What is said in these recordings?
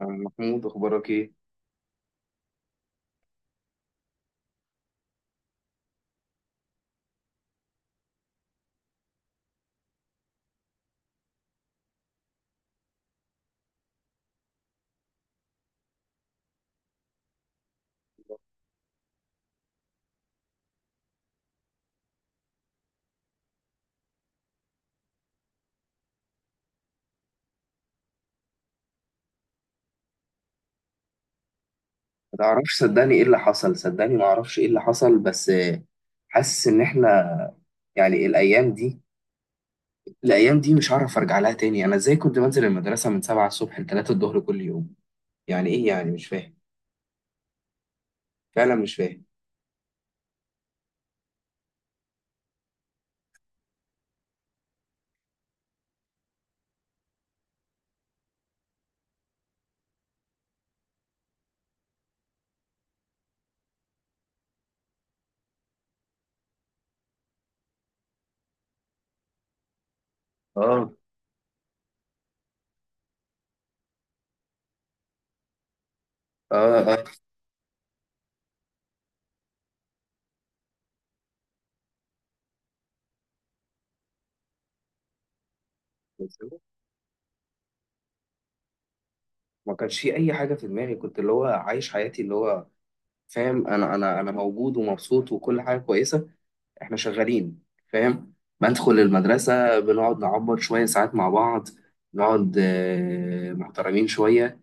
عم محمود، اخبارك ايه؟ ما تعرفش، صدقني ايه اللي حصل. صدقني ما اعرفش ايه اللي حصل، بس حاسس ان احنا، يعني الايام دي مش هعرف ارجع لها تاني. انا ازاي كنت بنزل المدرسه من 7 الصبح ل 3 الظهر كل يوم؟ يعني ايه؟ يعني مش فاهم، فعلا مش فاهم. اه اه اه، بس هو ما كانش في اي حاجه في دماغي، كنت اللي هو عايش حياتي، اللي هو فاهم، انا موجود ومبسوط وكل حاجه كويسه، احنا شغالين، فاهم. بدخل المدرسة بنقعد نعبط شوية ساعات مع بعض، نقعد محترمين شوية.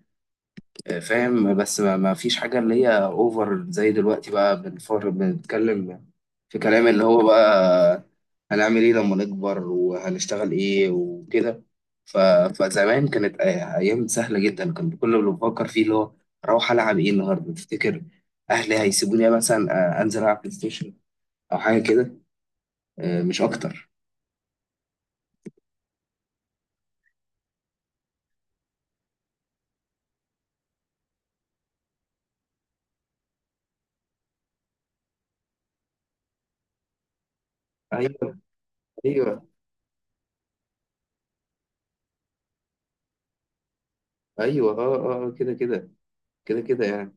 فاهم، بس ما فيش حاجة اللي هي اوفر زي دلوقتي. بقى بنفر، بنتكلم في كلام اللي هو بقى هنعمل ايه لما نكبر، وهنشتغل ايه وكده. ف... فزمان كانت ايام سهلة جدا. كان كل اللي بفكر فيه اللي هو اروح العب ايه النهارده تفتكر؟ اهلي هيسيبوني مثلا انزل العب بلاي ستيشن او حاجة كده، مش اكتر. ايوه ايوه ايوه، اه اه، كده كده، كده كده يعني.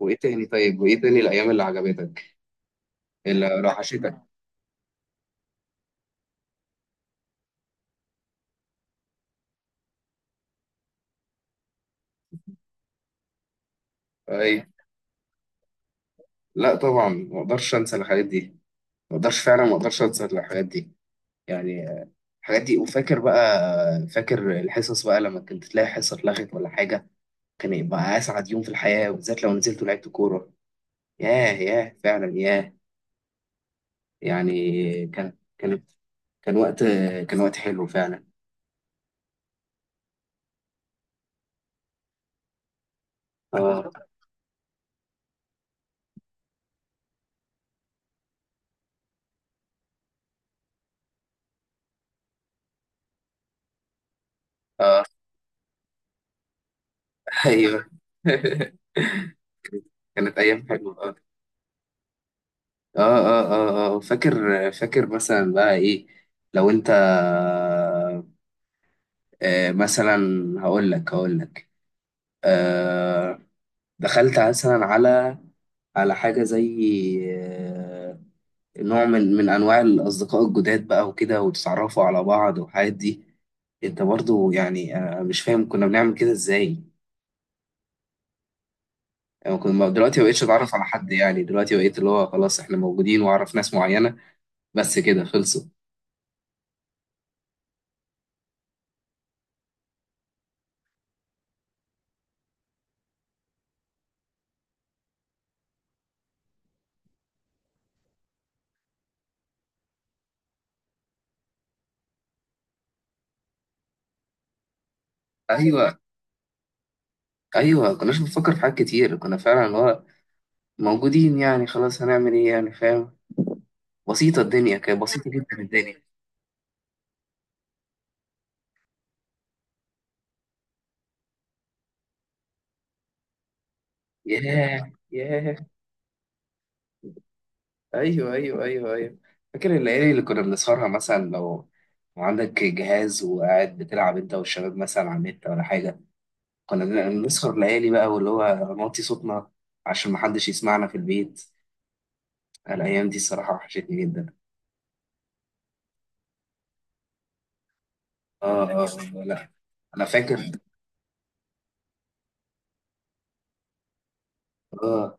وايه تاني؟ طيب وايه تاني الايام اللي عجبتك، اللي وحشتك؟ اي، لا طبعا ما اقدرش انسى الحاجات دي، ما اقدرش فعلا، ما اقدرش انسى الحاجات دي. يعني الحاجات دي. وفاكر بقى، فاكر الحصص بقى لما كنت تلاقي حصه اتلغت ولا حاجه، كان يبقى اسعد يوم في الحياه، وبالذات لو نزلت ولعبت كوره. ياه ياه، فعلا ياه. يعني كان كانت كان وقت كان وقت حلو فعلا. اه اه، ايوه. كانت ايام حلوه، اه اه اه اه. فاكر، فاكر مثلا بقى ايه. لو انت آه، مثلا، هقول لك آه، دخلت مثلا على على حاجه زي، آه، نوع من انواع الاصدقاء الجداد بقى وكده، وتتعرفوا على بعض والحاجات دي. انت برضو يعني آه، مش فاهم كنا بنعمل كده ازاي. يعني كنت دلوقتي ما بقتش اتعرف على حد. يعني دلوقتي بقيت اللي هو خلاص احنا موجودين واعرف ناس معينه بس كده، خلصوا. ايوه ايوه. كناش بنفكر في حاجات كتير، كنا فعلا اللي هو موجودين، يعني خلاص هنعمل ايه يعني، فاهم؟ بسيطه، الدنيا كانت بسيطه جدا الدنيا. ياه ياه. ايوه ايوه ايوه ايوه. فاكر الليالي اللي كنا بنسهرها مثلا، لو لو عندك جهاز وقاعد بتلعب انت والشباب مثلا على النت ولا حاجه، بنسهر ليالي بقى، واللي هو نوطي صوتنا عشان محدش يسمعنا في البيت. الأيام دي الصراحة وحشتني جدا. لا، أنا فاكر. آه،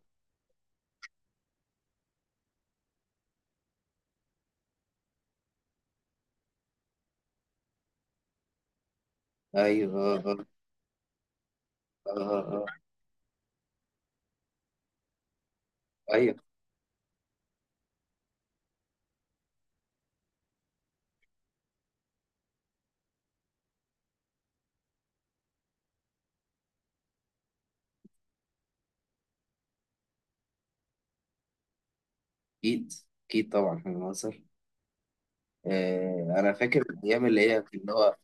أيوه. آه آه آه آه. آه. أيوه، أكيد أكيد طبعا في مصر. آه، أنا فاكر الأيام اللي هي اللي هو،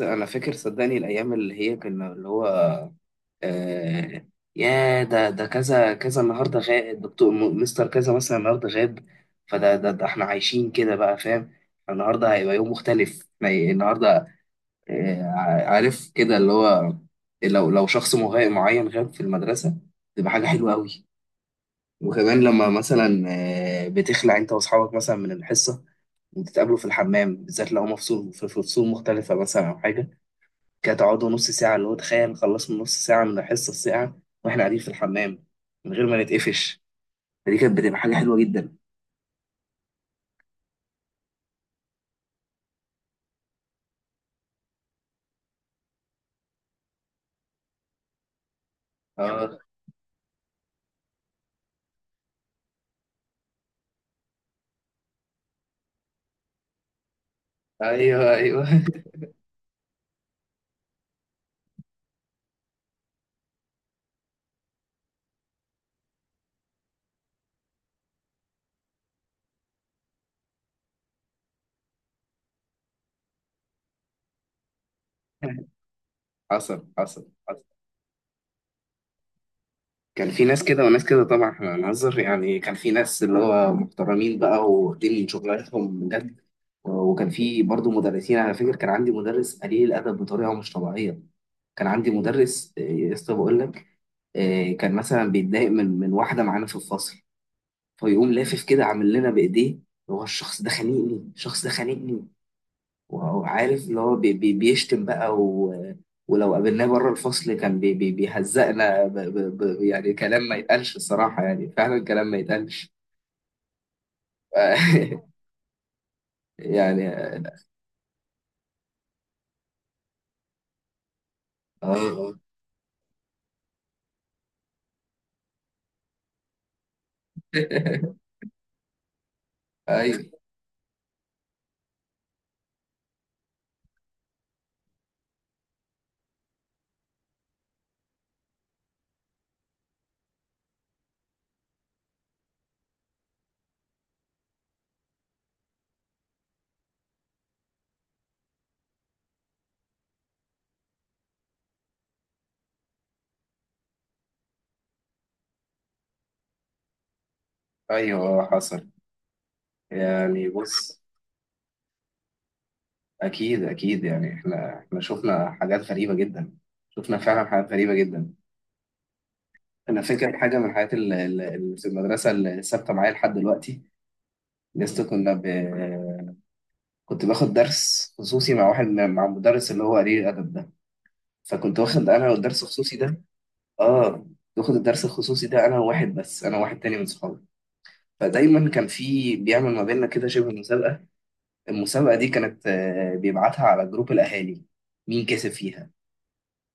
أنا فاكر صدقني الأيام اللي هي كنا اللي هو، آه، يا ده كذا كذا، النهارده غائب دكتور مستر كذا مثلا النهارده غاب. ده إحنا عايشين كده بقى، فاهم. النهارده هيبقى يوم مختلف. يعني النهارده آه، عارف كده، اللي هو لو لو شخص معين غاب في المدرسة تبقى حاجة حلوة قوي. وكمان لما مثلا بتخلع انت واصحابك مثلا من الحصة، وتتقابلوا في الحمام، بالذات لو هما فصول في فصول مختلفة مثلا أو حاجة كده، تقعدوا نص ساعة، اللي هو تخيل خلصنا نص ساعة من الحصة الساعة وإحنا قاعدين في الحمام من غير ما نتقفش، فدي كانت بتبقى حاجة حلوة جدا. اه، ايوه ايوه. حصل حصل حصل. كان في ناس كده وناس كده طبعا، احنا هنهزر يعني. كان في ناس اللي هو محترمين بقى، واخدين من شغلانتهم بجد، وكان في برضه مدرسين. على فكرة كان عندي مدرس قليل الأدب بطريقة مش طبيعية. كان عندي مدرس، يا اسطى بقول لك، كان مثلا بيتضايق من واحدة معانا في الفصل، فيقوم لافف كده عامل لنا بإيديه هو الشخص ده خانقني، الشخص ده خانقني، وهو عارف اللي هو بي بيشتم بقى. ولو قابلناه بره الفصل كان بي بيهزقنا يعني كلام ما يتقالش الصراحة، يعني فعلا كلام ما يتقالش. يعني اه. آه. ايوه ايوه، حصل. يعني بص، اكيد يعني احنا شفنا حاجات غريبة جدا، شفنا فعلا حاجات غريبة جدا. انا فاكر حاجة من الحاجات اللي في المدرسة اللي ثابتة معايا لحد دلوقتي. لسه كنا ب... كنت باخد درس خصوصي مع واحد، مع مدرس اللي هو قليل الادب ده. فكنت واخد انا الدرس الخصوصي ده، اه، باخد الدرس الخصوصي ده انا وواحد، بس انا واحد تاني من صحابي. فدايما كان في بيعمل ما بيننا كده شبه مسابقه. المسابقه دي كانت بيبعتها على جروب الاهالي مين كسب فيها.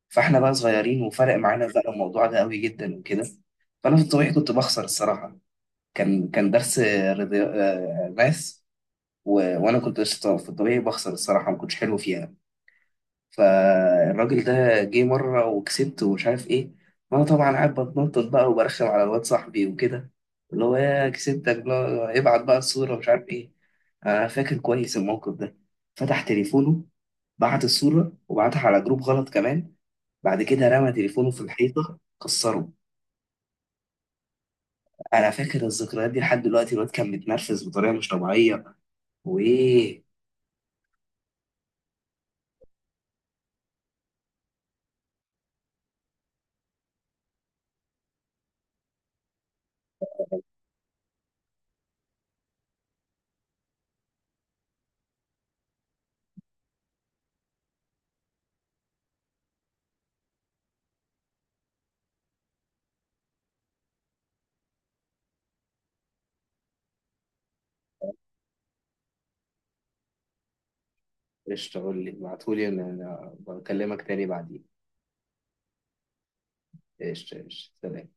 فاحنا بقى صغيرين وفرق معانا بقى الموضوع ده قوي جدا وكده. فانا في الطبيعي كنت بخسر الصراحه. كان درس ماس، و... وانا كنت قشطة، في الطبيعي بخسر الصراحه، ما كنتش حلو فيها. فالراجل ده جه مرة وكسبت ومش عارف ايه، وانا طبعا قاعد بتنطط بقى وبرخم على الواد صاحبي وكده، اللي هو يا كسبتك بلا ابعت بقى الصورة ومش عارف ايه. انا فاكر كويس الموقف ده، فتح تليفونه، بعت الصورة، وبعتها على جروب غلط كمان. بعد كده رمى تليفونه في الحيطة كسره. انا فاكر الذكريات دي لحد دلوقتي، الواد كان متنرفز بطريقة مش طبيعية. وايه، قشطة. قول لي ابعتهولي انا، أنا بكلمك تاني بعدين. قشطة قشطة، سلام.